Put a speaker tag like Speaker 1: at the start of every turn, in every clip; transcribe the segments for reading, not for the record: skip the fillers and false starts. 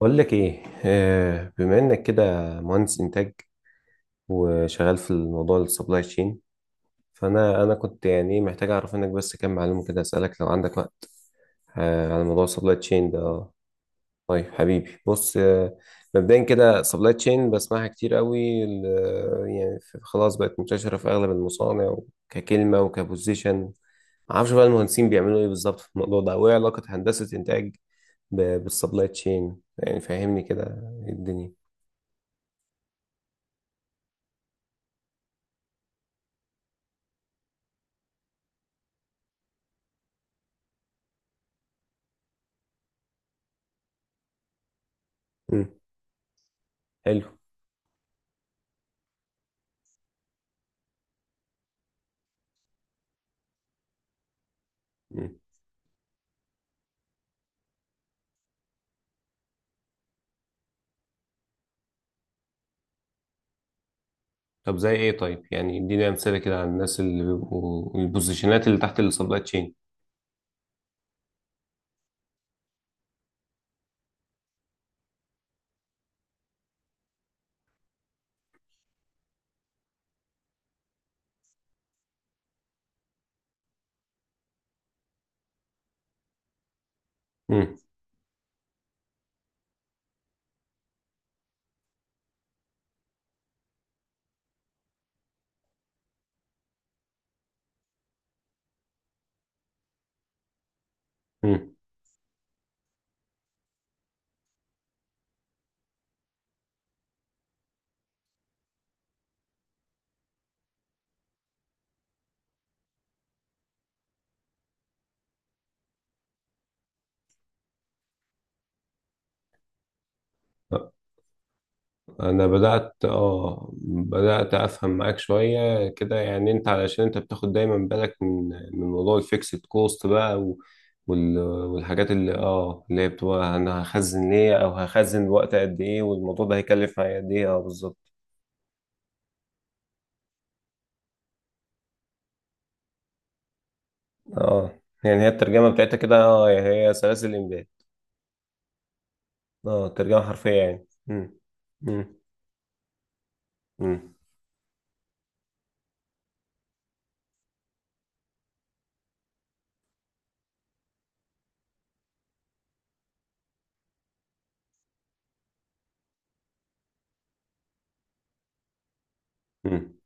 Speaker 1: بقول لك ايه، بما انك كده مهندس انتاج، وشغال في الموضوع السبلاي تشين. فانا كنت يعني محتاج اعرف منك بس كام معلومه كده، اسالك لو عندك وقت، على موضوع السبلاي تشين ده. طيب حبيبي بص، مبدئيا كده سبلاي تشين بسمعها كتير قوي. خلاص بقت منتشره في اغلب المصانع ككلمه وكبوزيشن. معرفش بقى المهندسين بيعملوا ايه بالظبط في الموضوع ده، وايه علاقه هندسه انتاج بالسبلاي تشين، يعني فهمني كده إيه الدنيا؟ حلو. مم. طب زي ايه؟ طيب يعني اديني امثله كده على الناس اللي بيبقوا البوزيشنات اللي تحت السبلاي تشين. مم. مم. انا بدات افهم معاك شويه كده، يعني انت علشان انت بتاخد دايما بالك من موضوع الفيكسد كوست بقى. والحاجات اللي هي بتبقى، انا هخزن ليه او هخزن وقت قد ايه، والموضوع ده هيكلف معايا قد ايه، بالظبط. اه، يعني هي الترجمه بتاعتها كده، يعني هي سلاسل الامداد. اه ترجمه حرفيه يعني. مم. مم. مم. مم.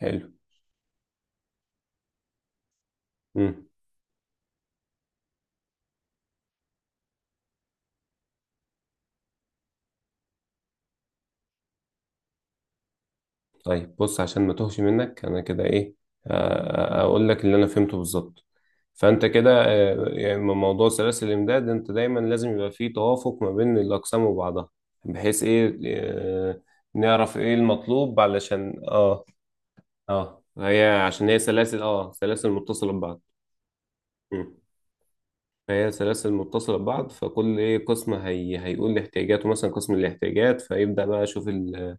Speaker 1: حلو. مم. طيب بص، عشان ما توهش منك انا كده ايه، اقول لك اللي انا فهمته بالظبط. فانت كده، يعني موضوع سلاسل الامداد، انت دايما لازم يبقى فيه توافق ما بين الاقسام وبعضها، بحيث ايه، نعرف ايه المطلوب علشان اه هي، عشان هي سلاسل، سلاسل متصلة ببعض. مم. فهي سلاسل متصلة ببعض، فكل ايه قسم هي هيقول احتياجاته. مثلا قسم الاحتياجات فيبدأ بقى يشوف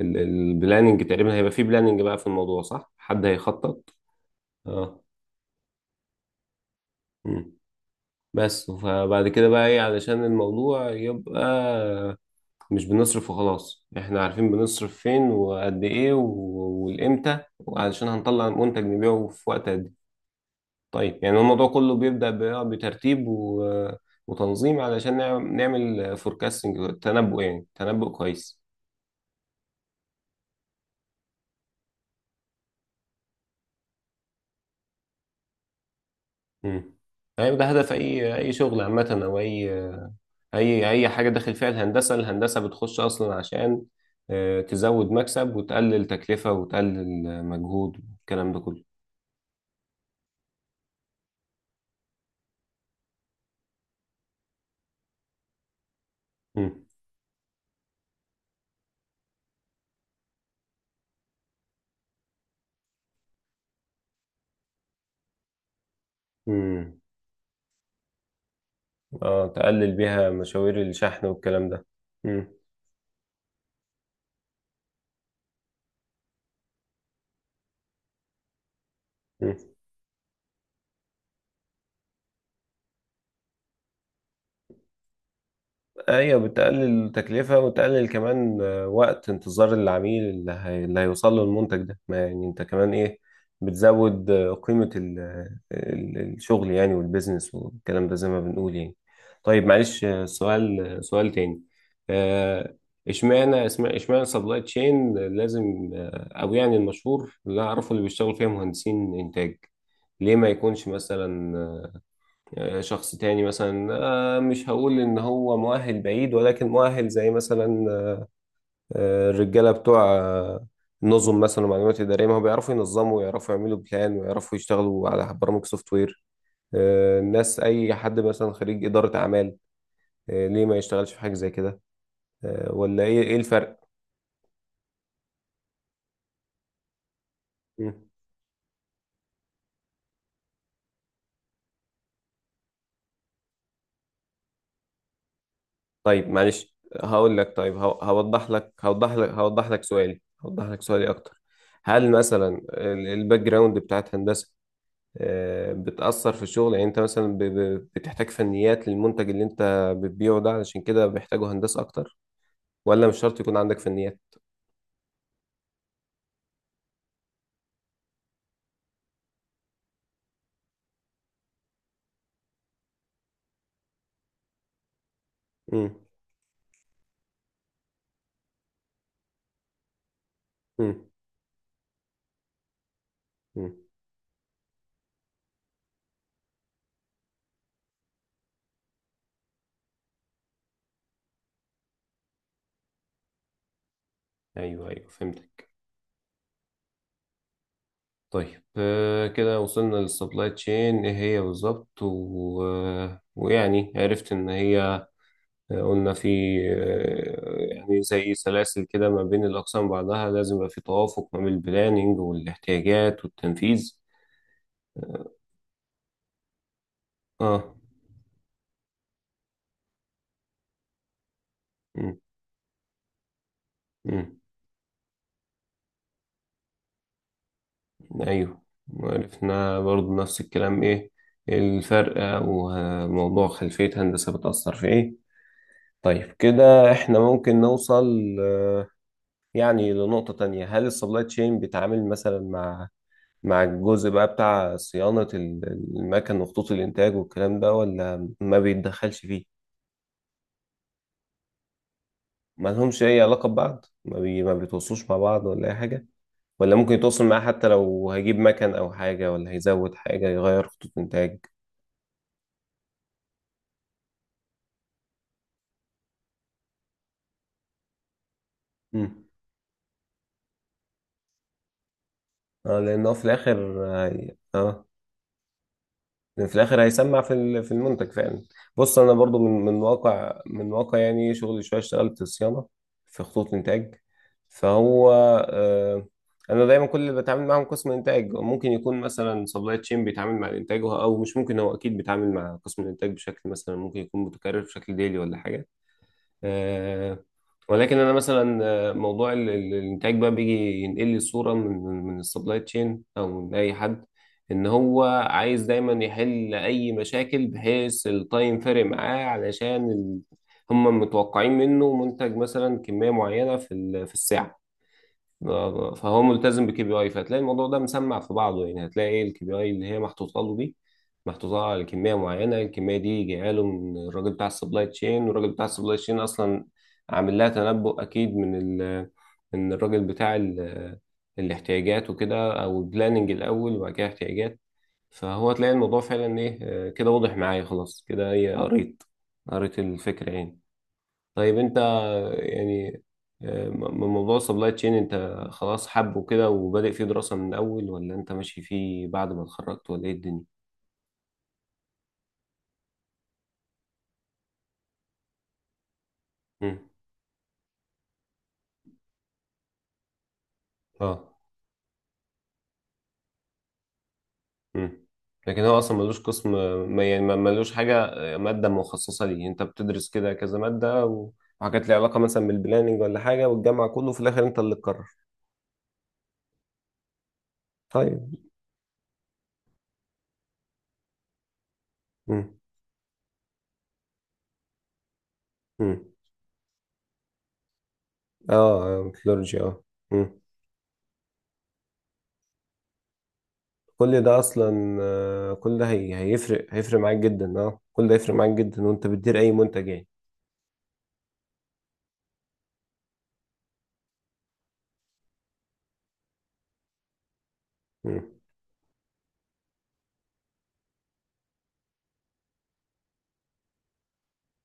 Speaker 1: البلاننج. تقريبا هيبقى فيه بلاننج بقى في الموضوع، صح؟ حد هيخطط. اه. مم. بس فبعد كده بقى ايه، علشان الموضوع يبقى مش بنصرف وخلاص، احنا عارفين بنصرف فين وقد ايه والامتى، وعلشان هنطلع منتج نبيعه في وقت قد ايه. طيب يعني الموضوع كله بيبدأ بترتيب وتنظيم، علشان نعمل فوركاستنج، تنبؤ يعني، تنبؤ كويس. مم. طيب ده هدف اي شغل عامة، او اي حاجه داخل فيها الهندسه. الهندسه بتخش اصلا عشان تزود مكسب، وتقلل تكلفه، وتقلل مجهود، والكلام ده كله. امم. امم. اه، تقلل بيها مشاوير الشحن والكلام ده. امم. ايوه، بتقلل تكلفة، وتقلل كمان وقت انتظار العميل اللي هيوصل له المنتج ده. ما يعني انت كمان ايه، بتزود قيمة الشغل يعني، والبيزنس والكلام ده زي ما بنقول يعني. طيب معلش، سؤال سؤال تاني، آه، اشمعنى اشمعنى سبلاي تشين لازم، او يعني المشهور اللي اعرفه اللي بيشتغل فيها مهندسين انتاج. ليه ما يكونش مثلا شخص تاني مثلا، مش هقول ان هو مؤهل بعيد، ولكن مؤهل زي مثلا الرجاله بتوع النظم مثلا، ومعلومات اداريه، ما هو بيعرفوا ينظموا ويعرفوا يعملوا بلان ويعرفوا يشتغلوا على برامج سوفت وير، الناس، اي حد مثلا خريج اداره اعمال، ليه ما يشتغلش في حاجه زي كده، ولا ايه الفرق؟ مم. طيب معلش هقول لك، طيب هوضح لك سؤالي اكتر. هل مثلا الباك جراوند بتاعت هندسه بتأثر في الشغل، يعني انت مثلا بتحتاج فنيات للمنتج اللي انت بتبيعه ده، علشان كده بيحتاجوا هندسة اكتر، ولا مش شرط يكون عندك فنيات؟ امم. امم. امم. ايوه، ايوه، فهمتك. طيب، كده وصلنا للسبلاي تشين ايه هي بالظبط و... آه، ويعني عرفت ان هي، قلنا في، يعني زي سلاسل كده ما بين الأقسام بعضها، لازم يبقى في توافق ما بين البلاننج والاحتياجات والتنفيذ. اه. امم. ايوه. عرفنا برضو نفس الكلام، ايه الفرق، وموضوع خلفية هندسة بتأثر في ايه. طيب كده احنا ممكن نوصل آه، يعني لنقطة تانية. هل السبلاي تشين بيتعامل مثلا مع مع الجزء بقى بتاع صيانة المكن وخطوط الإنتاج والكلام ده، ولا ما بيتدخلش فيه؟ ما لهمش أي علاقة ببعض، ما بيتواصلوش مع بعض ولا أي حاجة؟ ولا ممكن يتواصل معاه حتى لو هيجيب مكن أو حاجة، ولا هيزود حاجة يغير خطوط إنتاج؟ اه لانه في الاخر هي... اه لأن في الاخر هيسمع في المنتج فعلا. بص، انا برضو من من واقع، يعني شغلي، شويه اشتغلت صيانه في خطوط انتاج. فهو آه انا دايما كل اللي بتعامل معاهم قسم انتاج. ممكن يكون مثلا سبلاي تشين بيتعامل مع الانتاج، وه- او مش ممكن هو اكيد بيتعامل مع قسم الانتاج بشكل مثلا ممكن يكون متكرر، بشكل ديلي ولا حاجه، آه، ولكن انا مثلا موضوع الانتاج بقى بيجي ينقل لي صوره من السبلاي تشين او من اي حد، ان هو عايز دايما يحل اي مشاكل، بحيث التايم فارق معاه علشان هم متوقعين منه منتج مثلا كميه معينه في الساعه. فهو ملتزم بكي بي اي، فهتلاقي الموضوع ده مسمع في بعضه يعني. هتلاقي ايه الKPI اللي هي محطوطه له دي، محطوطه على كميه معينه. الكميه دي جايه له من الراجل بتاع السبلاي تشين، والراجل بتاع السبلاي تشين اصلا عامل لها تنبؤ، اكيد من ال من الراجل بتاع الاحتياجات وكده، او البلاننج الاول وبعد كده احتياجات. فهو تلاقي الموضوع فعلا ايه، كده واضح معايا، خلاص كده ايه، قريت الفكره يعني. طيب انت يعني من موضوع السبلاي تشين انت خلاص حبه كده وبادئ فيه دراسة من الاول، ولا انت ماشي فيه بعد ما اتخرجت، ولا ايه الدنيا؟ امم. اه. امم. لكن هو اصلا ملوش قسم، ملوش حاجة مادة مخصصة ليه. انت بتدرس كده كذا مادة وحاجات ليها علاقة مثلا بالبلاننج ولا حاجة، والجامعة كله في الاخر انت اللي تقرر. طيب. امم. امم. اه. ميثودولوجيا. اه. مم. كل ده اصلا آه، كل ده هي هيفرق معاك جدا. اه، كل ده هيفرق معاك جدا، وانت بتدير اي منتج يعني. مم.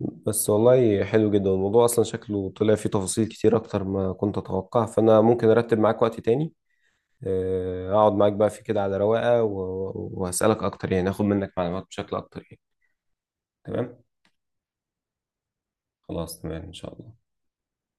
Speaker 1: بس والله حلو جدا الموضوع، اصلا شكله طلع فيه تفاصيل كتير اكتر ما كنت اتوقع. فانا ممكن ارتب معاك وقت تاني، اقعد معاك بقى في كده على رواقة، وهسألك اكتر يعني، اخد منك معلومات بشكل اكتر يعني. تمام. خلاص تمام ان شاء الله.